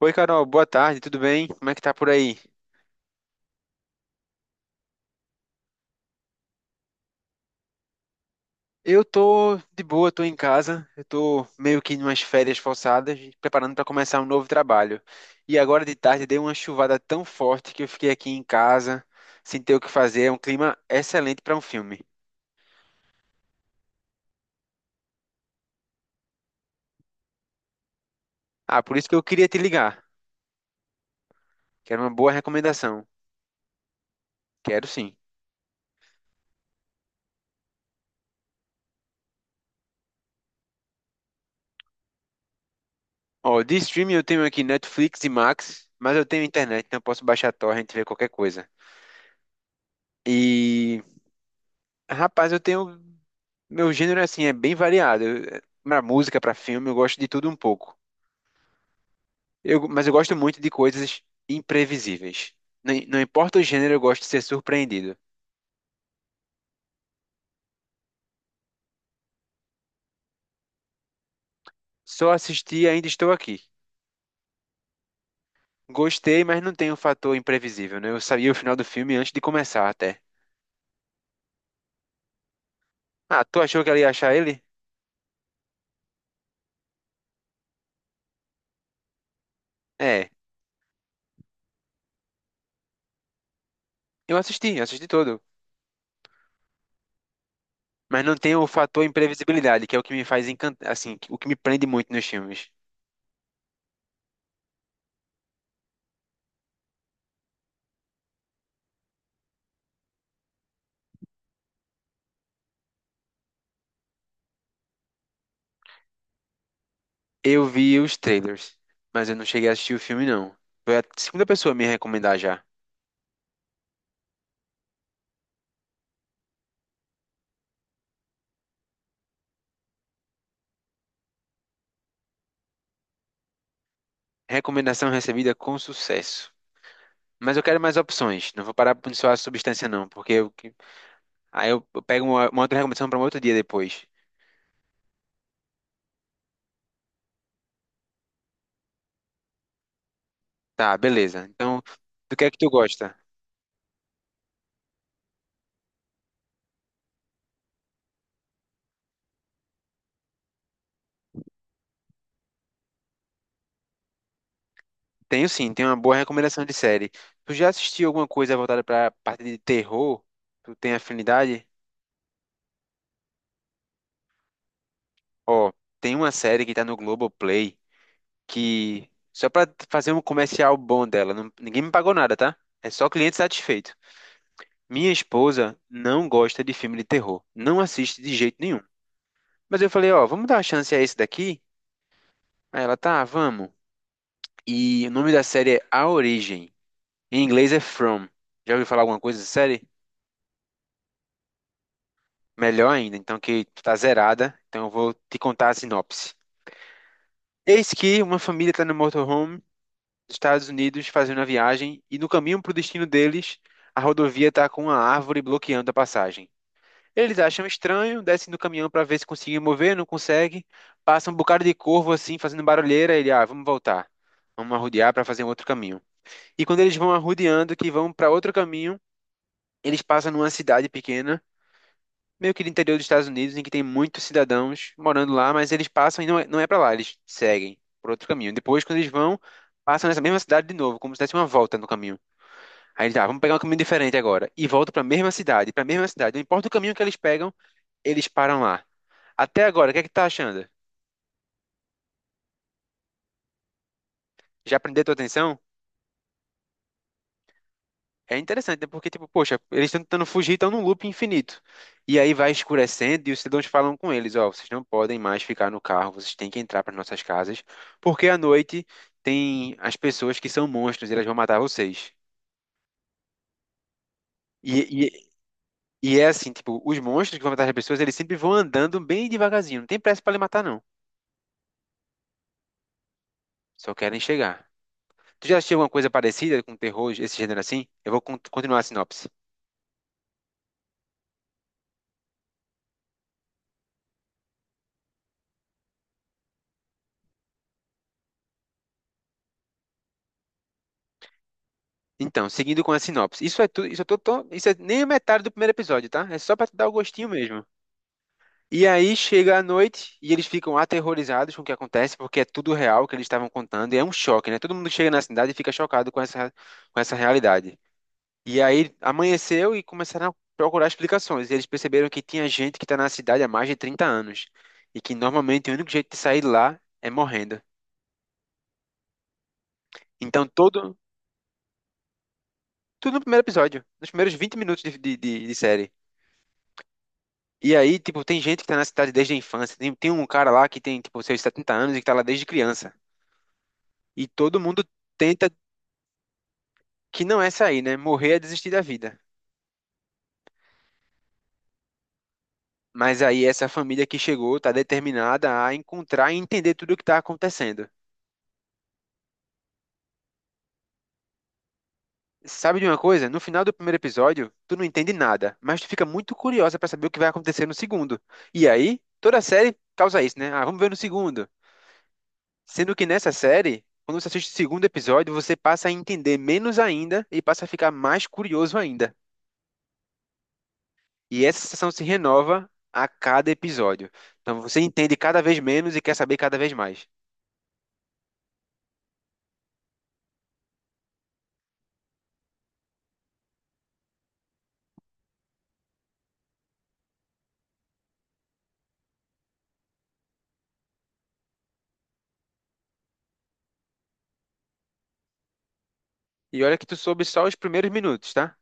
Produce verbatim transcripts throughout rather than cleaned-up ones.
Oi, Carol, boa tarde, tudo bem? Como é que tá por aí? Eu tô de boa, tô em casa, eu tô meio que em umas férias forçadas, preparando para começar um novo trabalho. E agora de tarde deu uma chuvada tão forte que eu fiquei aqui em casa, sem ter o que fazer, é um clima excelente para um filme. Ah, por isso que eu queria te ligar. Quero uma boa recomendação. Quero sim. Ó, de streaming eu tenho aqui Netflix e Max, mas eu tenho internet, então eu posso baixar a torrent e ver qualquer coisa. E, rapaz, eu tenho meu gênero, assim, é bem variado. Eu- Pra música, pra filme, eu gosto de tudo um pouco. Eu, mas eu gosto muito de coisas imprevisíveis. Não, não importa o gênero, eu gosto de ser surpreendido. Só assisti e ainda estou aqui. Gostei, mas não tem o fator imprevisível, né? Eu sabia o final do filme antes de começar até. Ah, tu achou que ela ia achar ele? É, eu assisti, eu assisti todo. Mas não tem o fator imprevisibilidade, que é o que me faz encantar, assim, o que me prende muito nos filmes. Eu vi os trailers, mas eu não cheguei a assistir o filme, não. Foi a segunda pessoa a me recomendar já. Recomendação recebida com sucesso. Mas eu quero mais opções. Não vou parar por só a substância, não, porque eu, que- aí eu eu pego uma, uma outra recomendação para um outro dia depois. Tá, beleza. Então, do que é que tu gosta? Tenho sim, tenho uma boa recomendação de série. Tu já assistiu alguma coisa voltada para a parte de terror? Tu tem afinidade? Ó, tem uma série que tá no Globoplay, que só pra fazer um comercial bom dela, não- ninguém me pagou nada, tá? É só cliente satisfeito. Minha esposa não gosta de filme de terror, não assiste de jeito nenhum. Mas eu falei, ó, vamos dar uma chance a esse daqui? Aí ela, tá, vamos. E o nome da série é A Origem. Em inglês é From. Já ouviu falar alguma coisa da série? Melhor ainda, então, que tu tá zerada, então eu vou te contar a sinopse. Eis que uma família está no motorhome dos Estados Unidos fazendo a viagem e no caminho para o destino deles, a rodovia está com uma árvore bloqueando a passagem. Eles acham estranho, descem do caminhão para ver se conseguem mover, não consegue. Passa um bocado de corvo assim, fazendo barulheira. Ele, ah, vamos voltar. Vamos arrodear para fazer um outro caminho. E quando eles vão arrodeando, que vão para outro caminho, eles passam numa cidade pequena, meio que do interior dos Estados Unidos, em que tem muitos cidadãos morando lá, mas eles passam e não é, não é para lá, eles seguem por outro caminho. Depois, quando eles vão, passam nessa mesma cidade de novo, como se desse uma volta no caminho. Aí ele, tá, vamos pegar um caminho diferente agora. E volta pra mesma cidade, pra mesma cidade. Não importa o caminho que eles pegam, eles param lá. Até agora, o que é que tá achando? Já prendeu tua atenção? É interessante, né? Porque, tipo, poxa, eles estão tentando fugir, estão num loop infinito. E aí vai escurecendo e os cidadãos falam com eles, ó, vocês não podem mais ficar no carro, vocês têm que entrar para nossas casas, porque à noite tem as pessoas que são monstros e elas vão matar vocês. E, e, e é assim, tipo, os monstros que vão matar as pessoas, eles sempre vão andando bem devagarzinho, não tem pressa para lhe matar, não. Só querem chegar. Tu já assistiu alguma coisa parecida com terror, esse gênero assim? Eu vou con- continuar a sinopse. Então, seguindo com a sinopse. Isso é tudo, isso, é tudo tão- isso é nem a metade do primeiro episódio, tá? É só pra te dar o gostinho mesmo. E aí chega a noite e eles ficam aterrorizados com o que acontece, porque é tudo real que eles estavam contando, e é um choque, né? Todo mundo chega na cidade e fica chocado com essa, com essa, realidade. E aí amanheceu e começaram a procurar explicações. E eles perceberam que tinha gente que tá na cidade há mais de trinta anos, e que normalmente o único jeito de sair de lá é morrendo. Então todo Tudo no primeiro episódio, nos primeiros vinte minutos de, de, de- de série. E aí, tipo, tem gente que tá na cidade desde a infância. Tem, tem um cara lá que tem, tipo, seus setenta anos e que tá lá desde criança. E todo mundo tenta, que não é sair, né? Morrer é desistir da vida. Mas aí essa família que chegou tá determinada a encontrar e entender tudo o que tá acontecendo. Sabe de uma coisa? No final do primeiro episódio, tu não entende nada, mas tu fica muito curiosa pra saber o que vai acontecer no segundo. E aí, toda a série causa isso, né? Ah, vamos ver no segundo. Sendo que nessa série, quando você assiste o segundo episódio, você passa a entender menos ainda e passa a ficar mais curioso ainda. E essa sensação se renova a cada episódio. Então você entende cada vez menos e quer saber cada vez mais. E olha que tu soube só os primeiros minutos, tá?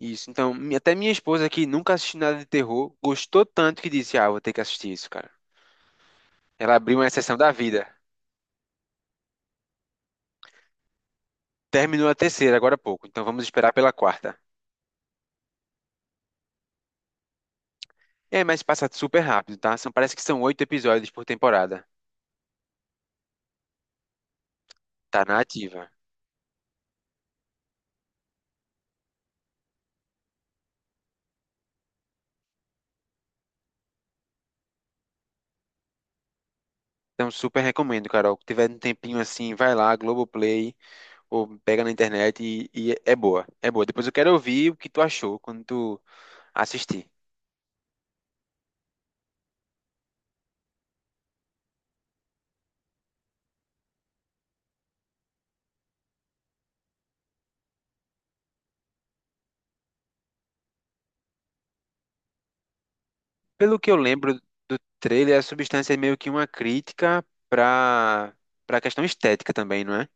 Isso. Então, mi- até minha esposa, que nunca assistiu nada de terror, gostou tanto que disse: Ah, vou ter que assistir isso, cara. Ela abriu uma exceção da vida. Terminou a terceira agora há pouco, então vamos esperar pela quarta. É, mas passa super rápido, tá? São, parece que são oito episódios por temporada. Tá na ativa. Então, super recomendo, Carol. Se tiver um tempinho assim, vai lá, Globoplay, ou pega na internet e, e é boa. É boa. Depois eu quero ouvir o que tu achou quando tu assistir. Pelo que eu lembro do trailer, a substância é meio que uma crítica pra, pra, questão estética também, não é?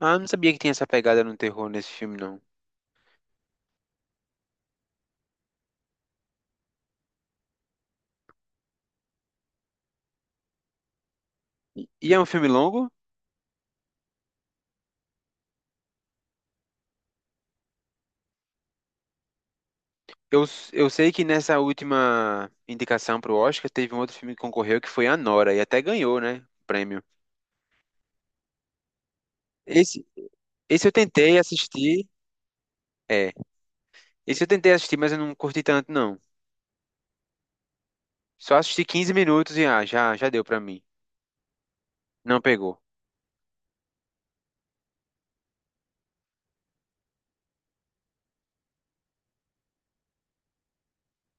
Ah, eu não sabia que tinha essa pegada no terror nesse filme, não. E, e é um filme longo? Eu, s- eu sei que nessa última indicação pro Oscar teve um outro filme que concorreu que foi Anora, e até ganhou, né? O prêmio. Esse, esse eu tentei assistir. É, esse eu tentei assistir, mas eu não curti tanto, não. Só assisti quinze minutos e ah, já, já deu pra mim. Não pegou.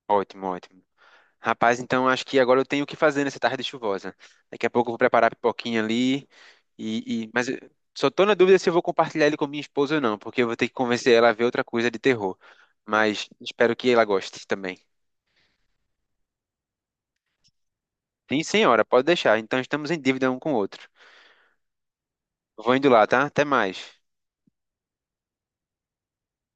Ótimo, ótimo. Rapaz, então acho que agora eu tenho o que fazer nessa tarde chuvosa. Daqui a pouco eu vou preparar a pipoquinha ali. E, e- Mas eu só tô na dúvida se eu vou compartilhar ele com minha esposa ou não, porque eu vou ter que convencer ela a ver outra coisa de terror. Mas espero que ela goste também. Sim, senhora, pode deixar. Então estamos em dívida um com o outro. Vou indo lá, tá? Até mais.